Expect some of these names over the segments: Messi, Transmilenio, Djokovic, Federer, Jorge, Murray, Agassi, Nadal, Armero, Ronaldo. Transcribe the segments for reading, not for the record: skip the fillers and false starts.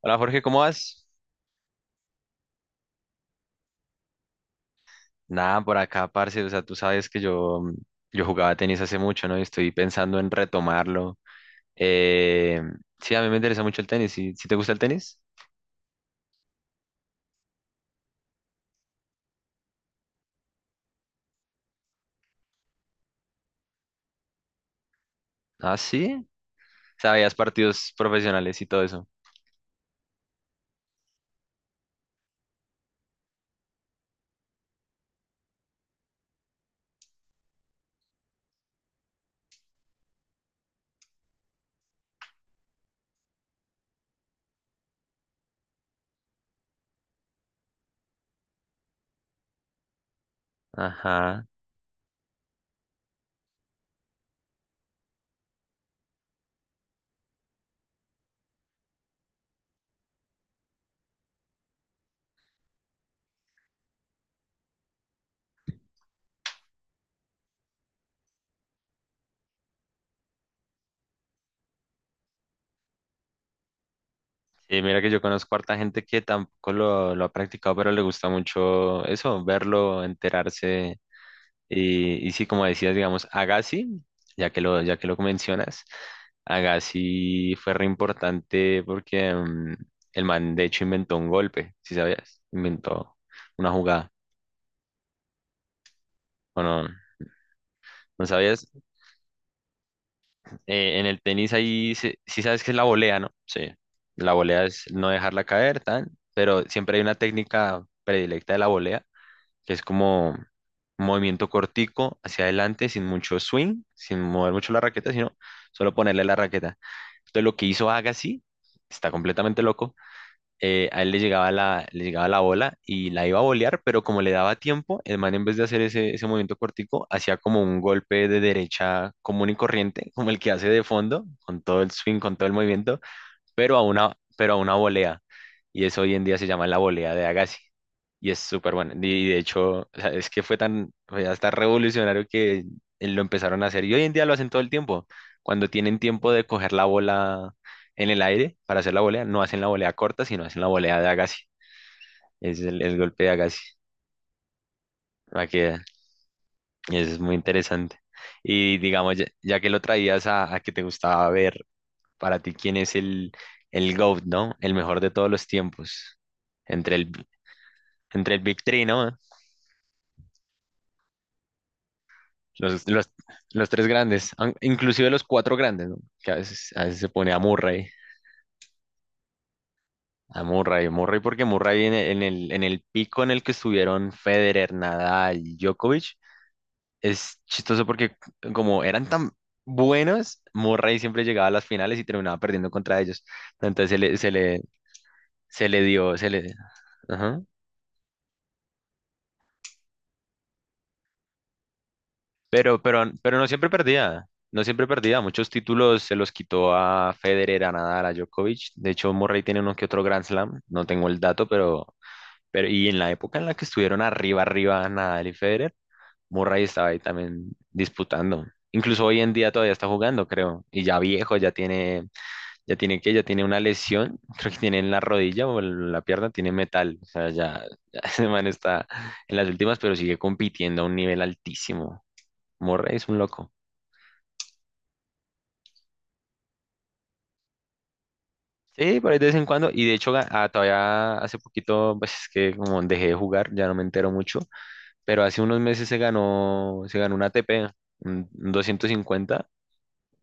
Hola Jorge, ¿cómo vas? Nada, por acá, parce, o sea, tú sabes que yo jugaba tenis hace mucho, ¿no? Y estoy pensando en retomarlo. Eh, sí, a mí me interesa mucho el tenis. ¿Sí, sí te gusta el tenis? Ah, sí. ¿Sabías partidos profesionales y todo eso? Ajá. Y mira que yo conozco harta gente que tampoco lo ha practicado, pero le gusta mucho eso, verlo, enterarse. Y sí, como decías, digamos, Agassi, ya que lo mencionas, Agassi fue re importante porque el man de hecho inventó un golpe, si sabías, inventó una jugada. Bueno, ¿No sabías? En el tenis ahí, sí sabes que es la volea, ¿no? Sí, la volea es no dejarla caer, tan, pero siempre hay una técnica predilecta de la volea que es como un movimiento cortico hacia adelante, sin mucho swing, sin mover mucho la raqueta, sino solo ponerle la raqueta. Entonces lo que hizo Agassi, está completamente loco, a él le llegaba la bola y la iba a volear, pero como le daba tiempo, el man en vez de hacer ese movimiento cortico, hacía como un golpe de derecha común y corriente, como el que hace de fondo, con todo el swing, con todo el movimiento, pero a una volea. Y eso hoy en día se llama la volea de Agassi. Y es súper bueno. Y de hecho, o sea, es que fue tan, fue hasta revolucionario que lo empezaron a hacer. Y hoy en día lo hacen todo el tiempo. Cuando tienen tiempo de coger la bola en el aire para hacer la volea, no hacen la volea corta, sino hacen la volea de Agassi. Es el golpe de Agassi. Va que es muy interesante. Y digamos, ya que lo traías a, que te gustaba ver. Para ti, ¿quién es el GOAT, no? El mejor de todos los tiempos. Entre el, entre el Big Three, ¿no? Los, los, los tres grandes, inclusive los cuatro grandes, ¿no? Que a veces se pone a Murray porque Murray en el pico en el que estuvieron Federer, Nadal, y Djokovic, es chistoso porque como eran tan buenos, Murray siempre llegaba a las finales y terminaba perdiendo contra ellos. Entonces se le dio. Ajá. Pero no siempre perdía. Muchos títulos se los quitó a Federer, a Nadal, a Djokovic. De hecho, Murray tiene uno que otro Grand Slam, no tengo el dato, pero, y en la época en la que estuvieron arriba, arriba Nadal y Federer, Murray estaba ahí también disputando. Incluso hoy en día todavía está jugando, creo, y ya viejo, ya tiene una lesión, creo que tiene en la rodilla o en la pierna, tiene metal, o sea, ya, ya ese man está en las últimas, pero sigue compitiendo a un nivel altísimo. Murray es un loco. Sí, por ahí de vez en cuando. Y de hecho, todavía hace poquito, pues es que como dejé de jugar, ya no me entero mucho. Pero hace unos meses se ganó un ATP, un 250,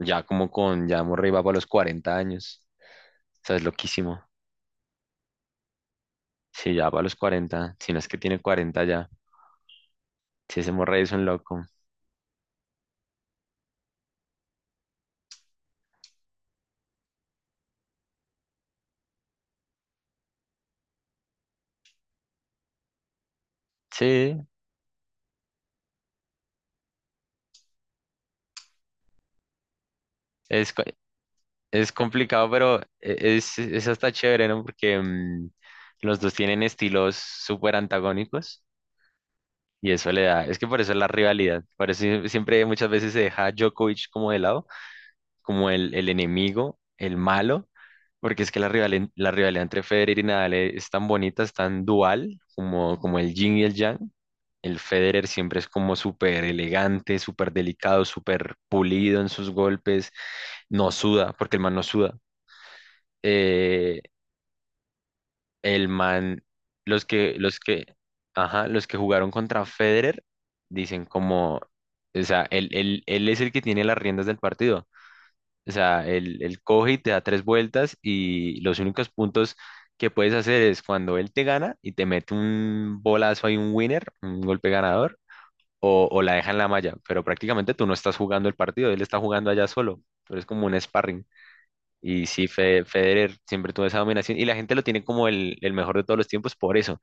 ya Murray va para los 40 años. O sea, es loquísimo. Sí, ya para los 40. Si no es que tiene 40 ya. Sí, ese Murray es un loco. Sí, es, co- es complicado, pero es hasta chévere, ¿no? Porque los dos tienen estilos súper antagónicos. Y eso le da, es que por eso es la rivalidad, por eso siempre muchas veces se deja a Djokovic como de lado, como el enemigo, el malo, porque es que la rivalidad entre Federer y Nadal es tan bonita, es tan dual, como el yin y el yang. El Federer siempre es como súper elegante, súper delicado, súper pulido en sus golpes, no suda, porque el man no suda. Eh, El man, los que, Ajá, los que jugaron contra Federer dicen como, o sea, él es el que tiene las riendas del partido. O sea, él coge y te da tres vueltas y los únicos puntos que puedes hacer es cuando él te gana y te mete un bolazo ahí, un winner, un golpe ganador, o la deja en la malla. Pero prácticamente tú no estás jugando el partido, él está jugando allá solo, pero es como un sparring. Y sí, Federer siempre tuvo esa dominación y la gente lo tiene como el mejor de todos los tiempos por eso,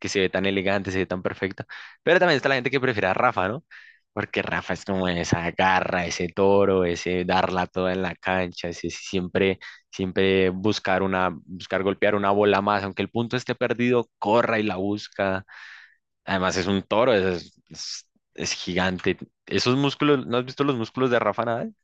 que se ve tan elegante, se ve tan perfecto. Pero también está la gente que prefiere a Rafa, ¿no? Porque Rafa es como esa garra, ese toro, ese darla toda en la cancha, ese siempre buscar buscar golpear una bola más, aunque el punto esté perdido, corra y la busca. Además es un toro, es gigante. Esos músculos, ¿no has visto los músculos de Rafa Nadal?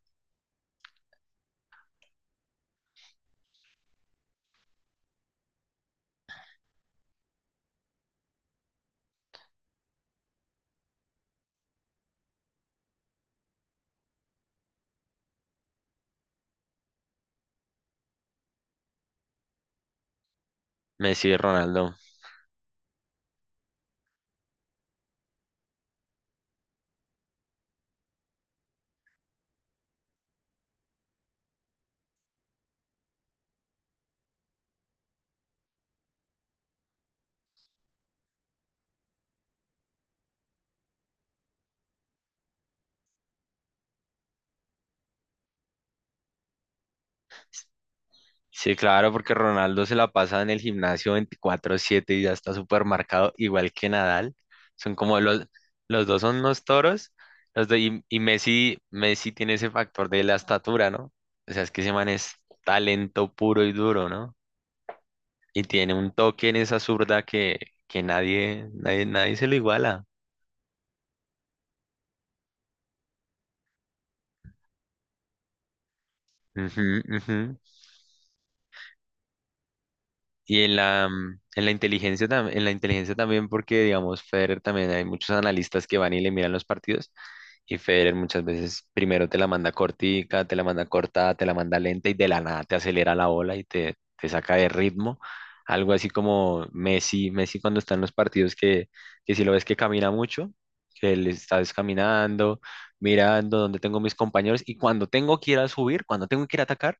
Messi, y Ronaldo. Sí, claro, porque Ronaldo se la pasa en el gimnasio 24/7 y ya está súper marcado, igual que Nadal. Son como los dos son unos toros, y Messi tiene ese factor de la estatura, ¿no? O sea, es que ese man es talento puro y duro, ¿no? Y tiene un toque en esa zurda que nadie, nadie, nadie se lo iguala. Ujú, ujú. Y en la inteligencia también, porque digamos, Federer también hay muchos analistas que van y le miran los partidos. Y Federer muchas veces primero te la manda cortica, te la manda corta, te la manda lenta y de la nada te acelera la bola y te saca de ritmo. Algo así como Messi, cuando está en los partidos que si lo ves que camina mucho, que él está descaminando, mirando dónde tengo mis compañeros y cuando tengo que ir a subir, cuando tengo que ir a atacar,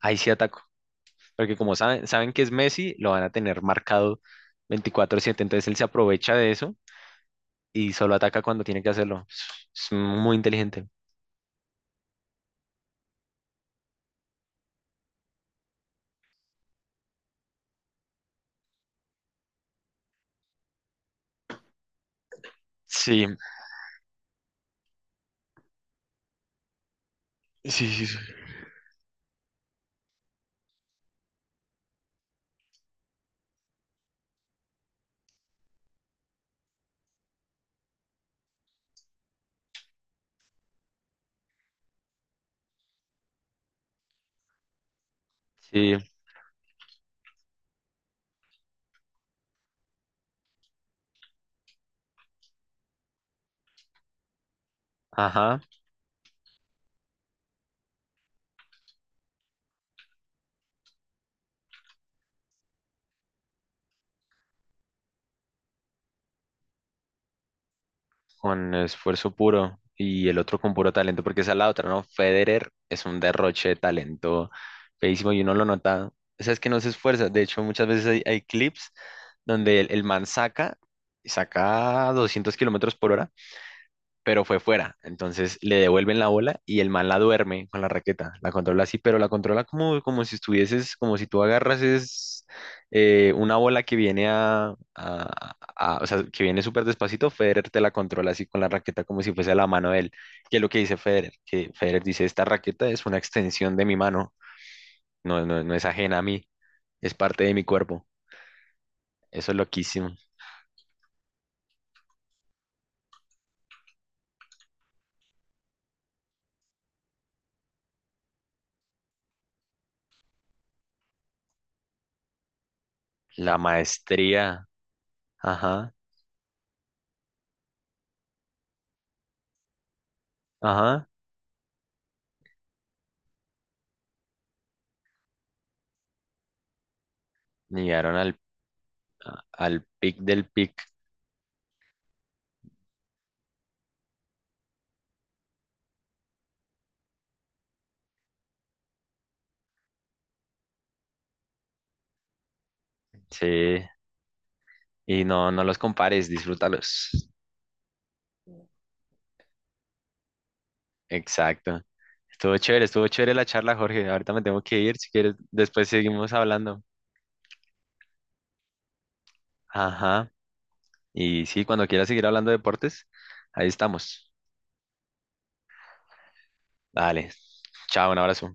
ahí sí ataco porque como saben que es Messi, lo van a tener marcado 24/7. Entonces él se aprovecha de eso y solo ataca cuando tiene que hacerlo. Es muy inteligente. Sí, sí, sí, sí. Sí, ajá, con esfuerzo puro y el otro con puro talento, porque esa es la otra, ¿no? Federer es un derroche de talento feísimo y uno lo nota. O sea, es que no se esfuerza. De hecho, muchas veces hay clips donde el man saca 200 kilómetros por hora pero fue fuera. Entonces le devuelven la bola y el man la duerme con la raqueta, la controla así, pero la controla como si estuvieses, como si tú agarras es, una bola que viene o sea, que viene súper despacito, Federer te la controla así con la raqueta como si fuese la mano de él. ¿Que es lo que dice Federer? Que Federer dice, esta raqueta es una extensión de mi mano, no, no, no es ajena a mí, es parte de mi cuerpo. Eso es loquísimo. La maestría, ajá, ajá, llegaron al pic del pic, sí, y no, no los compares, disfrútalos. Exacto. Estuvo chévere la charla, Jorge. Ahorita me tengo que ir, si quieres, después seguimos hablando. Ajá. Y sí, cuando quieras seguir hablando de deportes, ahí estamos. Dale, chao, un abrazo.